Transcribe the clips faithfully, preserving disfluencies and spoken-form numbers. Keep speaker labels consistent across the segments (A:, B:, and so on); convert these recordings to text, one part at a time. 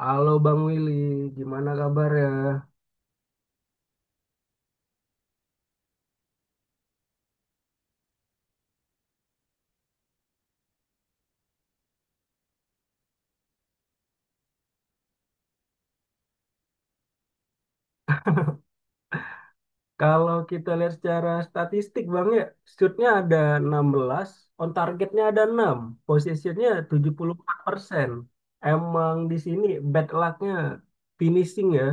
A: Halo Bang Willy, gimana kabarnya? Kalau kita lihat secara statistik Bang ya, shootnya ada enam belas, on targetnya ada enam, possessionnya tujuh puluh empat persen. Emang di sini bad lucknya finishing ya.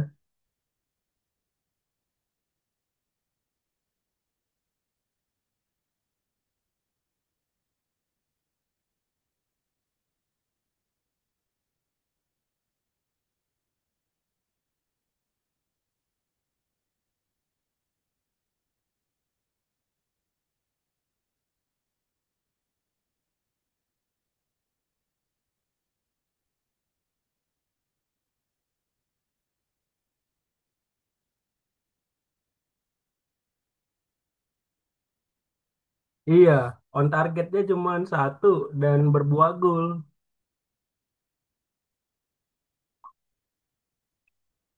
A: Iya, on targetnya cuma satu dan berbuah gol.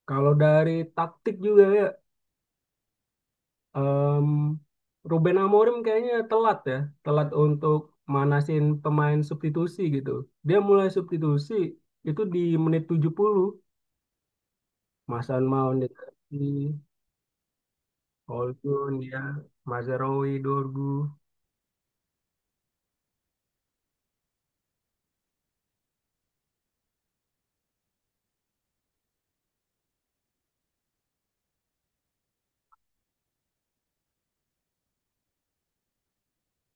A: Kalau dari taktik juga ya, Em, Ruben Amorim kayaknya telat ya, telat untuk manasin pemain substitusi gitu. Dia mulai substitusi itu di menit tujuh puluh. Masan Maun dikasih, Holtun ya, Mazraoui, Dorgu.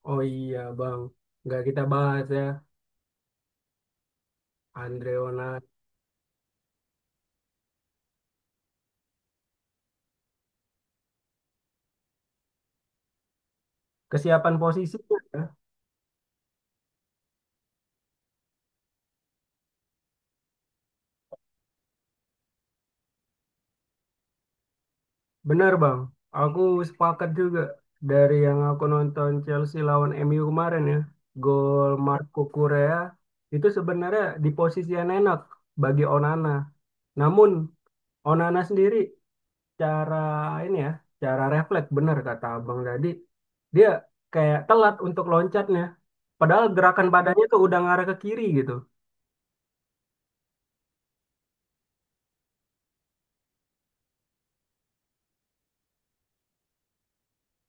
A: Oh iya bang, nggak kita bahas ya, Andre Onana. Kesiapan posisinya ya. Bener Bang, aku sepakat juga dari yang aku nonton Chelsea lawan M U kemarin ya, gol Marco Correa itu sebenarnya di posisi yang enak bagi Onana. Namun Onana sendiri cara ini ya, cara refleks bener kata Abang tadi, dia kayak telat untuk loncatnya. Padahal gerakan badannya tuh udah ngarah ke kiri gitu.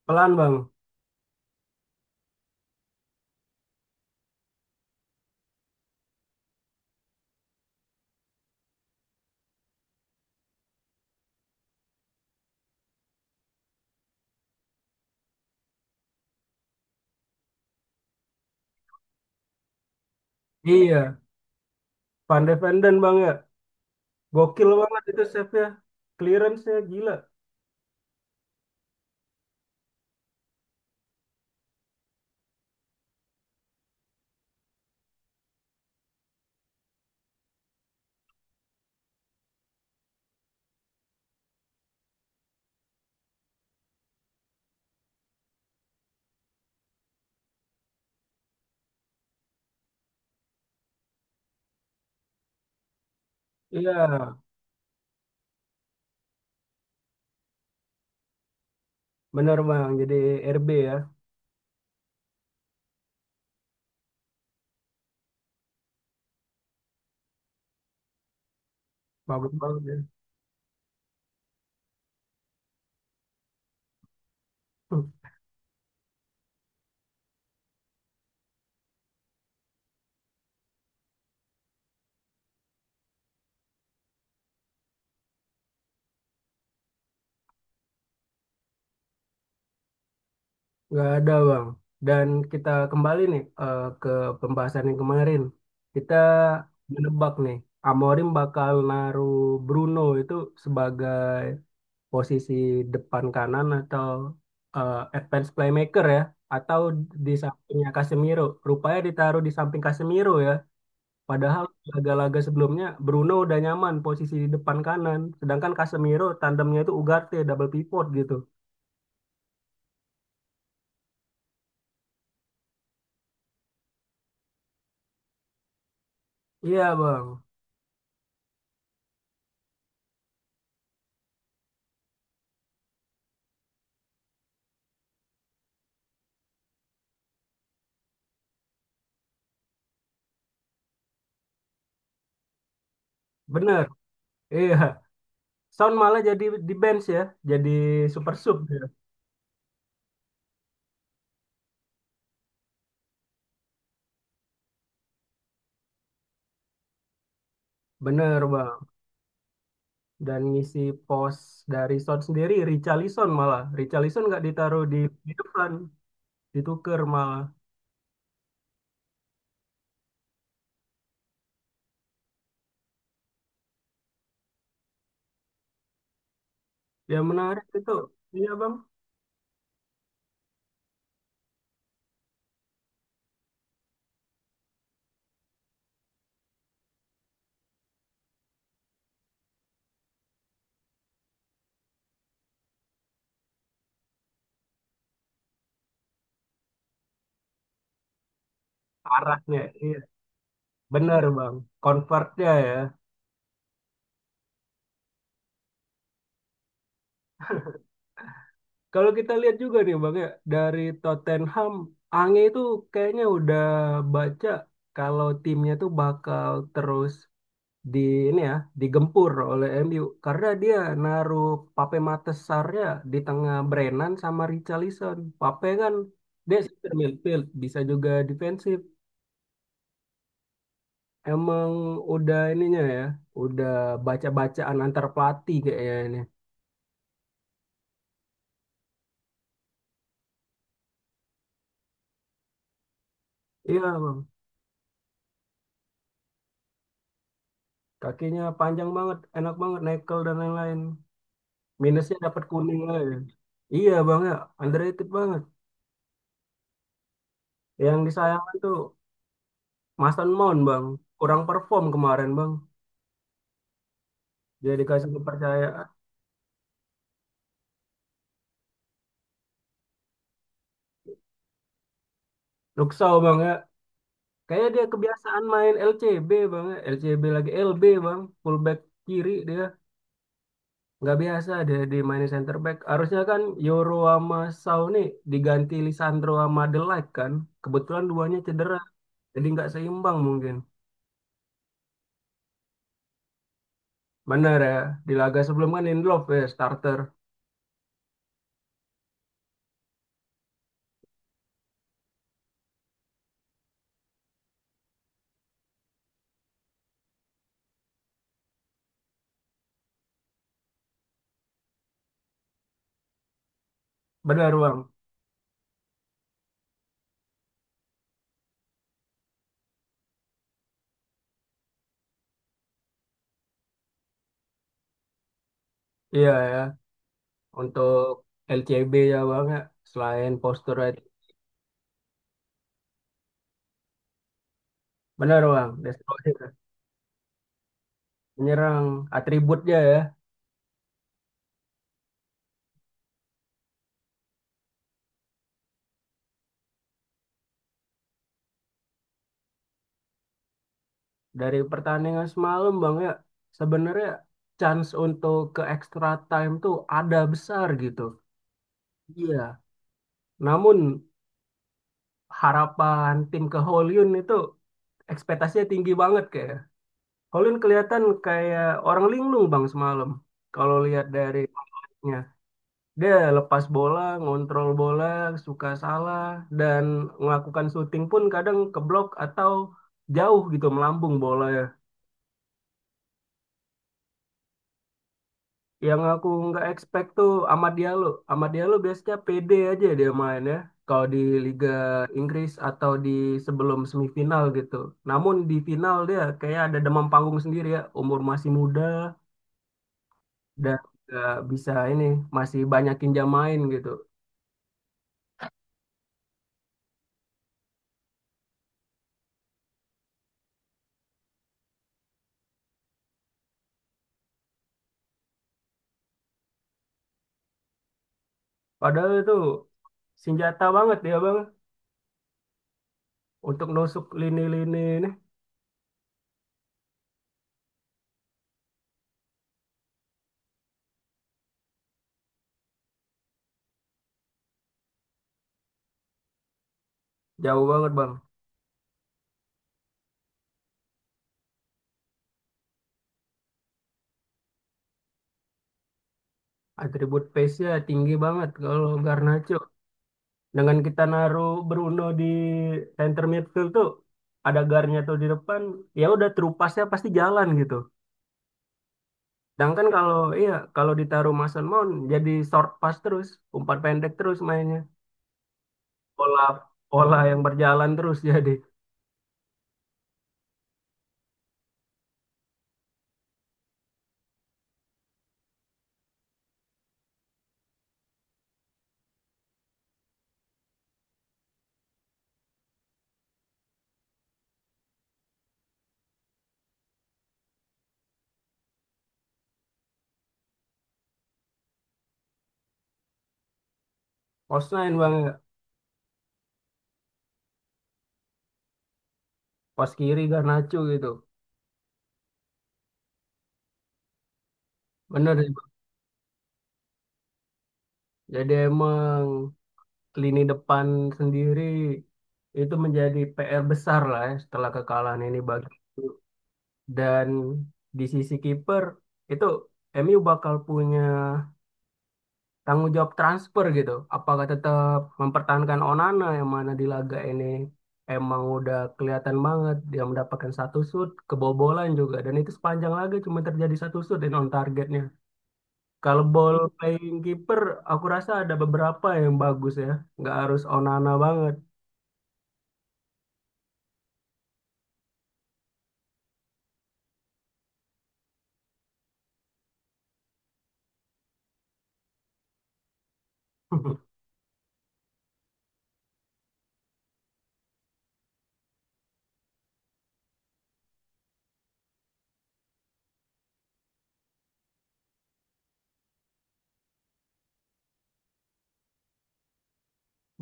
A: Pelan Bang. Iya, Van de Ven Bang ya. Gokil banget itu save-nya. Clearance-nya gila. Iya. Bener Bang, jadi R B ya, bagus banget ya. Hmm. Nggak ada Bang. Dan kita kembali nih eh, ke pembahasan yang kemarin. Kita menebak nih, Amorim bakal naruh Bruno itu sebagai posisi depan kanan atau eh, advance playmaker ya, atau di sampingnya Casemiro. Rupanya ditaruh di samping Casemiro ya. Padahal laga-laga sebelumnya Bruno udah nyaman posisi di depan kanan, sedangkan Casemiro tandemnya itu Ugarte double pivot gitu. Iya, Bang. Bener. Iya. Son malah jadi di bench ya, jadi super sub dia. Bener, Bang. Dan ngisi pos dari Son sendiri Richarlison malah. Richarlison nggak ditaruh di, di depan, ditukar malah. Yang menarik itu, iya, Bang. Arahnya, iya. Bener, Bang. Convertnya ya. Kalau kita lihat juga nih Bang ya, dari Tottenham, Ange itu kayaknya udah baca kalau timnya tuh bakal terus di ini ya, digempur oleh M U karena dia naruh Pape Sarnya di tengah Brennan sama Richarlison. Pape kan dia center midfield, bisa juga defensif. Emang udah ininya ya, udah baca-bacaan antar pelatih kayaknya ini. Iya, Bang. Kakinya panjang banget, enak banget, nekel dan lain-lain. Minusnya dapat kuning aja. Iya bang ya, underrated banget. Yang disayangkan tuh Mason Mount bang, kurang perform kemarin bang. Dia dikasih kepercayaan. Luksau bang ya, kayaknya dia kebiasaan main L C B bang ya, L C B lagi L B bang, fullback kiri dia. Nggak biasa dia dimainin center back. Harusnya kan Yoro sama Sau nih diganti Lisandro sama De Ligt kan. Kebetulan duanya cedera, jadi nggak seimbang mungkin. Benar ya, di laga sebelum kan Lindelof ya starter. Benar bang. Iya ya, untuk L C B ya bang ya, selain postur itu. Benar bang, destroyer. Menyerang atributnya ya. Dari pertandingan semalam bang ya, sebenarnya chance untuk ke extra time tuh ada besar gitu. Iya, namun harapan tim ke Holyun itu ekspektasinya tinggi banget kayak. Holyun kelihatan kayak orang linglung bang semalam. Kalau lihat dari dia lepas bola, ngontrol bola, suka salah, dan melakukan syuting pun kadang keblok atau jauh gitu melambung bolanya. Yang aku nggak expect tuh Amad Diallo. Amad Diallo biasanya pede aja dia main ya. Kalau di Liga Inggris atau di sebelum semifinal gitu. Namun di final dia kayak ada demam panggung sendiri ya. Umur masih muda dan nggak bisa ini masih banyakin jam main gitu. Padahal itu senjata banget ya bang. Untuk nusuk lini-lini ini jauh banget bang. Atribut pace-nya tinggi banget kalau Garnacho. Dengan kita naruh Bruno di center midfield tuh ada garnya tuh di depan, ya udah true pass-nya pasti jalan gitu. Sedangkan kalau iya kalau ditaruh Mason Mount jadi short pass terus, umpan pendek terus mainnya. Pola pola yang berjalan terus jadi pos sembilan bang, pos kiri Garnacho gitu. Bener sih, Bang. Jadi emang lini depan sendiri itu menjadi P R besar lah ya setelah kekalahan ini bagi dan di sisi kiper itu M U bakal punya tanggung jawab transfer gitu. Apakah tetap mempertahankan Onana yang mana di laga ini emang udah kelihatan banget dia mendapatkan satu shoot, kebobolan juga dan itu sepanjang laga cuma terjadi satu shoot dan on targetnya. Kalau ball playing kiper aku rasa ada beberapa yang bagus ya, nggak harus Onana banget.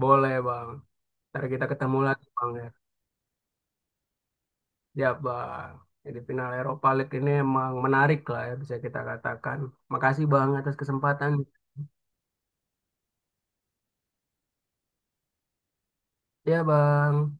A: Boleh bang, ntar kita ketemu lagi bang ya. Ya bang, jadi final Eropa League ini emang menarik lah ya bisa kita katakan. Makasih bang atas kesempatan. Ya bang.